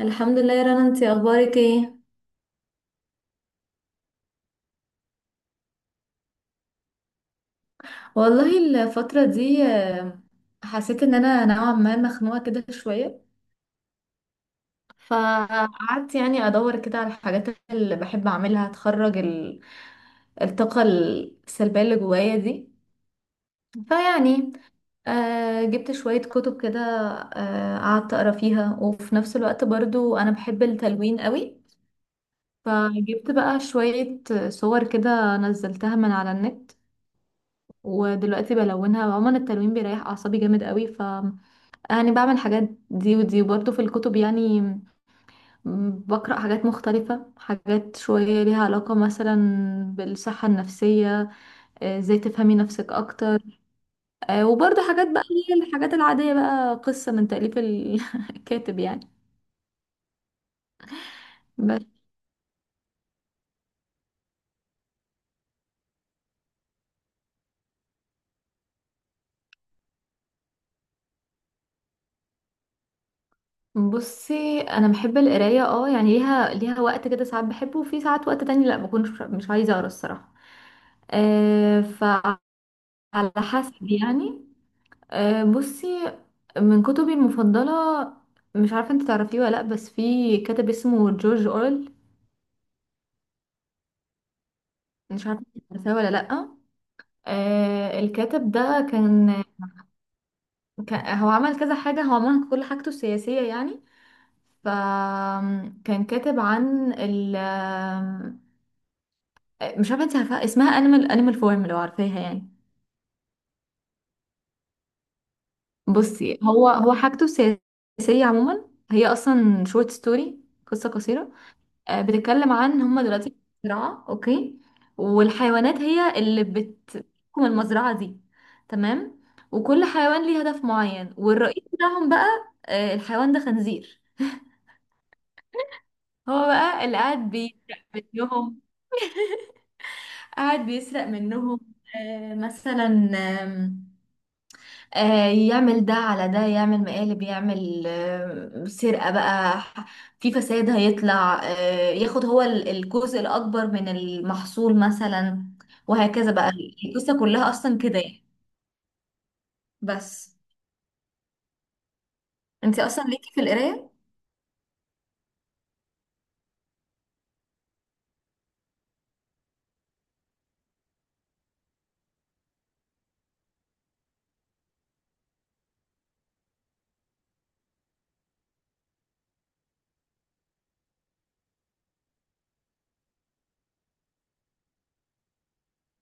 الحمد لله يا رنا، انتي اخبارك ايه؟ والله، الفترة دي حسيت ان انا نوعا ما مخنوقة كده شوية. فقعدت يعني ادور كده على الحاجات اللي بحب اعملها تخرج الطاقة السلبية اللي جوايا دي. فيعني جبت شوية كتب كده. قعدت اقرا فيها، وفي نفس الوقت برضو انا بحب التلوين قوي. فجبت بقى شوية صور كده نزلتها من على النت، ودلوقتي بلونها. عموما التلوين بيريح اعصابي جامد قوي. ف يعني بعمل حاجات دي ودي برضه في الكتب يعني. بقرأ حاجات مختلفة، حاجات شوية ليها علاقة مثلا بالصحة النفسية. ازاي تفهمي نفسك اكتر. وبرضه حاجات بقى اللي هي الحاجات العادية بقى، قصة من تأليف الكاتب يعني. بس. بصي، انا بحب القرايه، اه، يعني ليها وقت كده. ساعات بحبه، وفي ساعات وقت تاني لا، بكون مش عايزه اقرا الصراحه. آه. على حسب يعني. بصي، من كتبي المفضلة، مش عارفة انت تعرفيه ولا لأ، بس في كاتب اسمه جورج أورل. مش عارفة انت تعرفيه ولا لأ. الكاتب ده كان- كان- هو عمل كذا حاجة، هو عمل كل حاجته السياسية يعني. فكان كاتب عن ال آه، مش عارفة انت عارفة اسمها انيمال انيمال فورم، لو عارفاها يعني. بصي، هو هو حاجته السياسية عموما هي أصلا شورت ستوري، قصة قصيرة. بتتكلم عن، هما دلوقتي في مزرعة، اوكي، والحيوانات هي اللي بتحكم المزرعة دي. تمام. وكل حيوان ليه هدف معين، والرئيس بتاعهم بقى، الحيوان ده خنزير. هو بقى اللي قاعد بيسرق منهم. مثلا يعمل ده على ده، يعمل مقالب، يعمل سرقة بقى. في فساد. هيطلع ياخد هو الجزء الأكبر من المحصول مثلا، وهكذا بقى. القصة كلها أصلا كده يعني. بس. انت أصلا ليكي في القراية؟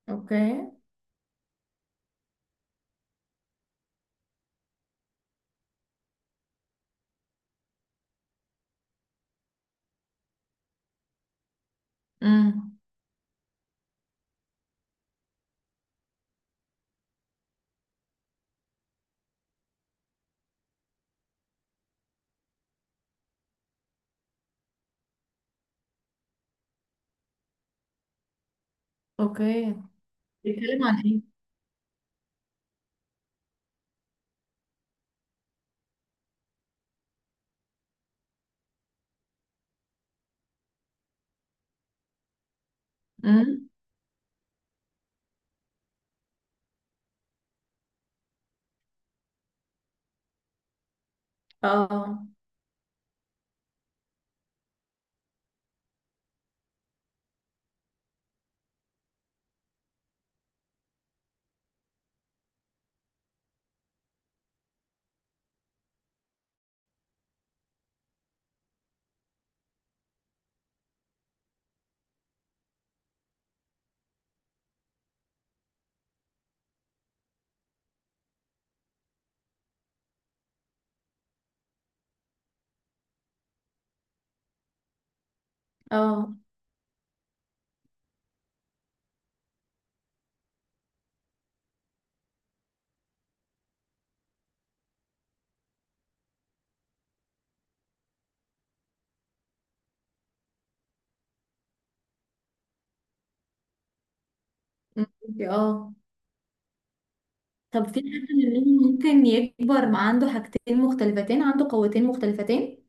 اوكي. امم. اوكي، بيتكلم عن ايه؟ امم. اه، اه. اه، طب في حد منهم ممكن يكبر مع عنده حاجتين مختلفتين، عنده قوتين مختلفتين؟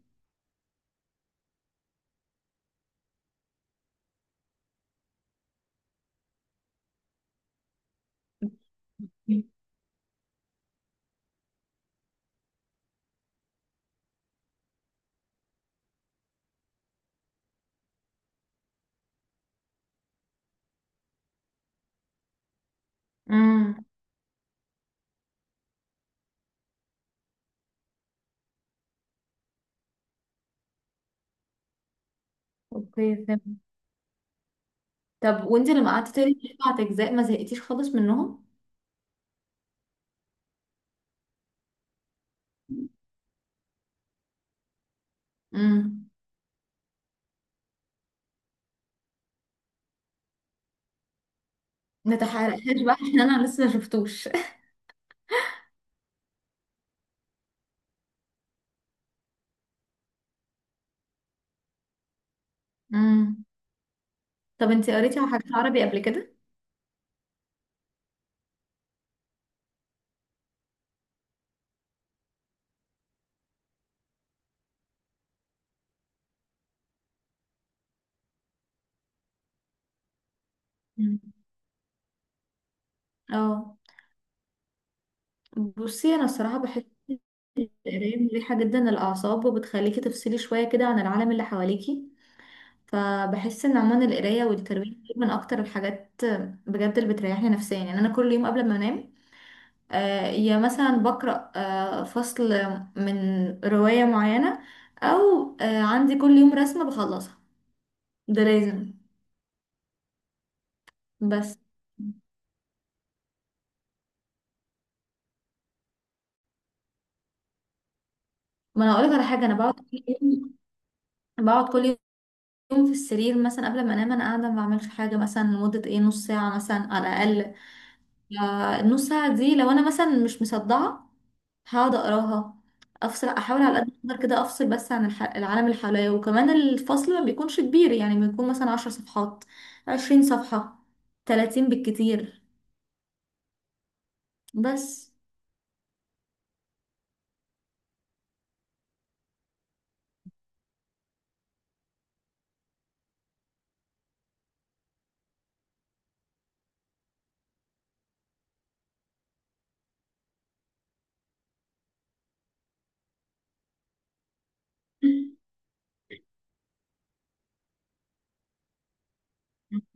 امم. اوكي، فهمت. طب وانت لما قعدت تقري 7 اجزاء، ما زهقتيش خالص منهم؟ امم. ما تحرقهاش بقى عشان انا لسه ما شفتوش. امم. طب انت قريتي على حاجات عربي قبل كده؟ مم. اه، بصي انا الصراحه بحس، القرايه مريحه جدا للاعصاب، وبتخليكي تفصلي شويه كده عن العالم اللي حواليكي. فبحس ان عموما القرايه والترويج من اكتر الحاجات بجد اللي بتريحني نفسيا. يعني انا كل يوم قبل ما انام، يا مثلا بقرأ فصل من رواية معينة، أو عندي كل يوم رسمة بخلصها. ده لازم. بس. ما أنا أقولك على حاجة، أنا بقعد كل يوم في السرير مثلا قبل ما أنام. أنا قاعدة ما بعملش حاجة مثلا لمدة إيه، نص ساعة مثلا على الأقل. النص ساعة دي لو أنا مثلا مش مصدعة، هقعد اقراها. افصل، احاول على قد ما اقدر كده افصل بس عن العالم اللي حواليا. وكمان الفصل ما بيكونش كبير، يعني بيكون مثلا 10 صفحات، 20 صفحة، 30 بالكتير. بس.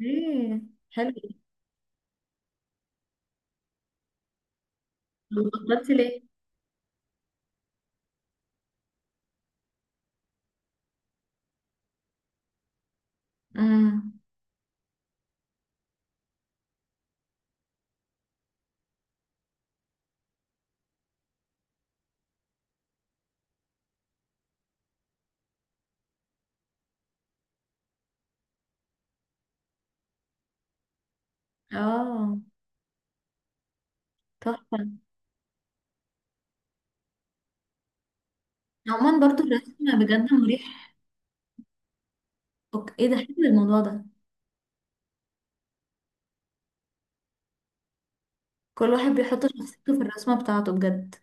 ايه، حلو. بطلتي ليه؟ امم. اه، تحفة. عموما برضو الرسم بجد مريح. ايه ده، حلو الموضوع ده. كل واحد بيحط شخصيته في الرسمة بتاعته بجد.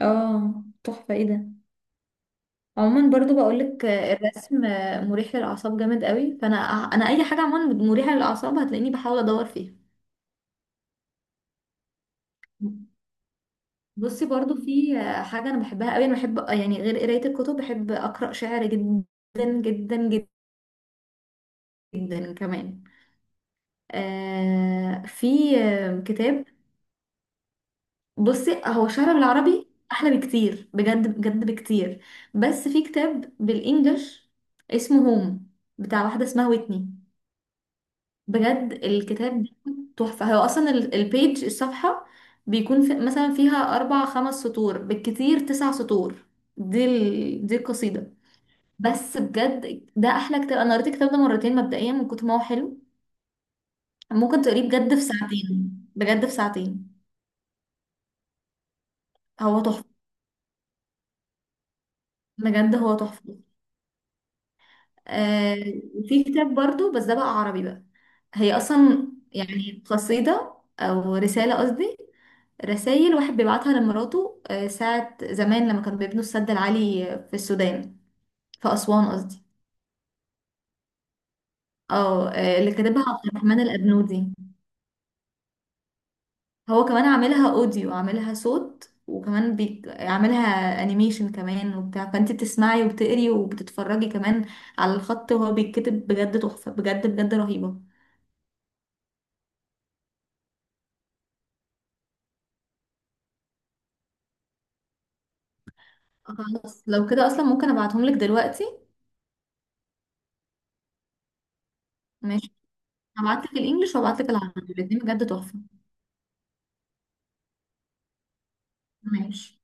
اه، تحفة، ايه ده. عموما برضو بقولك، الرسم مريح للأعصاب جامد قوي. فأنا، أنا أي حاجة عموما مريحة للأعصاب هتلاقيني بحاول أدور فيها. بصي برضو في حاجة أنا بحبها قوي. أنا بحب يعني، غير قراية الكتب، بحب أقرأ شعر جدا جدا جدا كمان. آه، في كتاب. بصي هو شعر بالعربي أحلى بكتير، بجد بجد بكتير. بس في كتاب بالإنجلش اسمه هوم، بتاع واحدة اسمها ويتني. بجد الكتاب بيكون تحفة. هو أصلا البيج، الصفحة، بيكون في مثلا فيها 4-5 سطور، بالكتير 9 سطور. دي القصيدة. بس بجد ده أحلى كتاب، أنا قريت الكتاب ده مرتين مبدئيا من كتر ما هو حلو. ممكن تقريه بجد في ساعتين. بجد في ساعتين. هو تحفة، بجد هو تحفة. آه. وفي كتاب برضو بس ده بقى عربي بقى، هي أصلا يعني قصيدة، أو رسالة قصدي، رسائل واحد بيبعتها لمراته ساعة زمان لما كانوا بيبنوا السد العالي في السودان، في أسوان قصدي. اه، اللي كاتبها عبد الرحمن الأبنودي. هو كمان عاملها أوديو، عاملها صوت، وكمان عاملها أنيميشن كمان وبتاع. فأنت بتسمعي وبتقري وبتتفرجي كمان على الخط وهو بيتكتب. بجد تحفة، بجد بجد رهيبة. خلاص لو كده أصلا ممكن أبعتهم لك دلوقتي. ماشي. هبعتلك الإنجليش وهبعتلك العربي، الاتنين بجد تحفة. ماشي.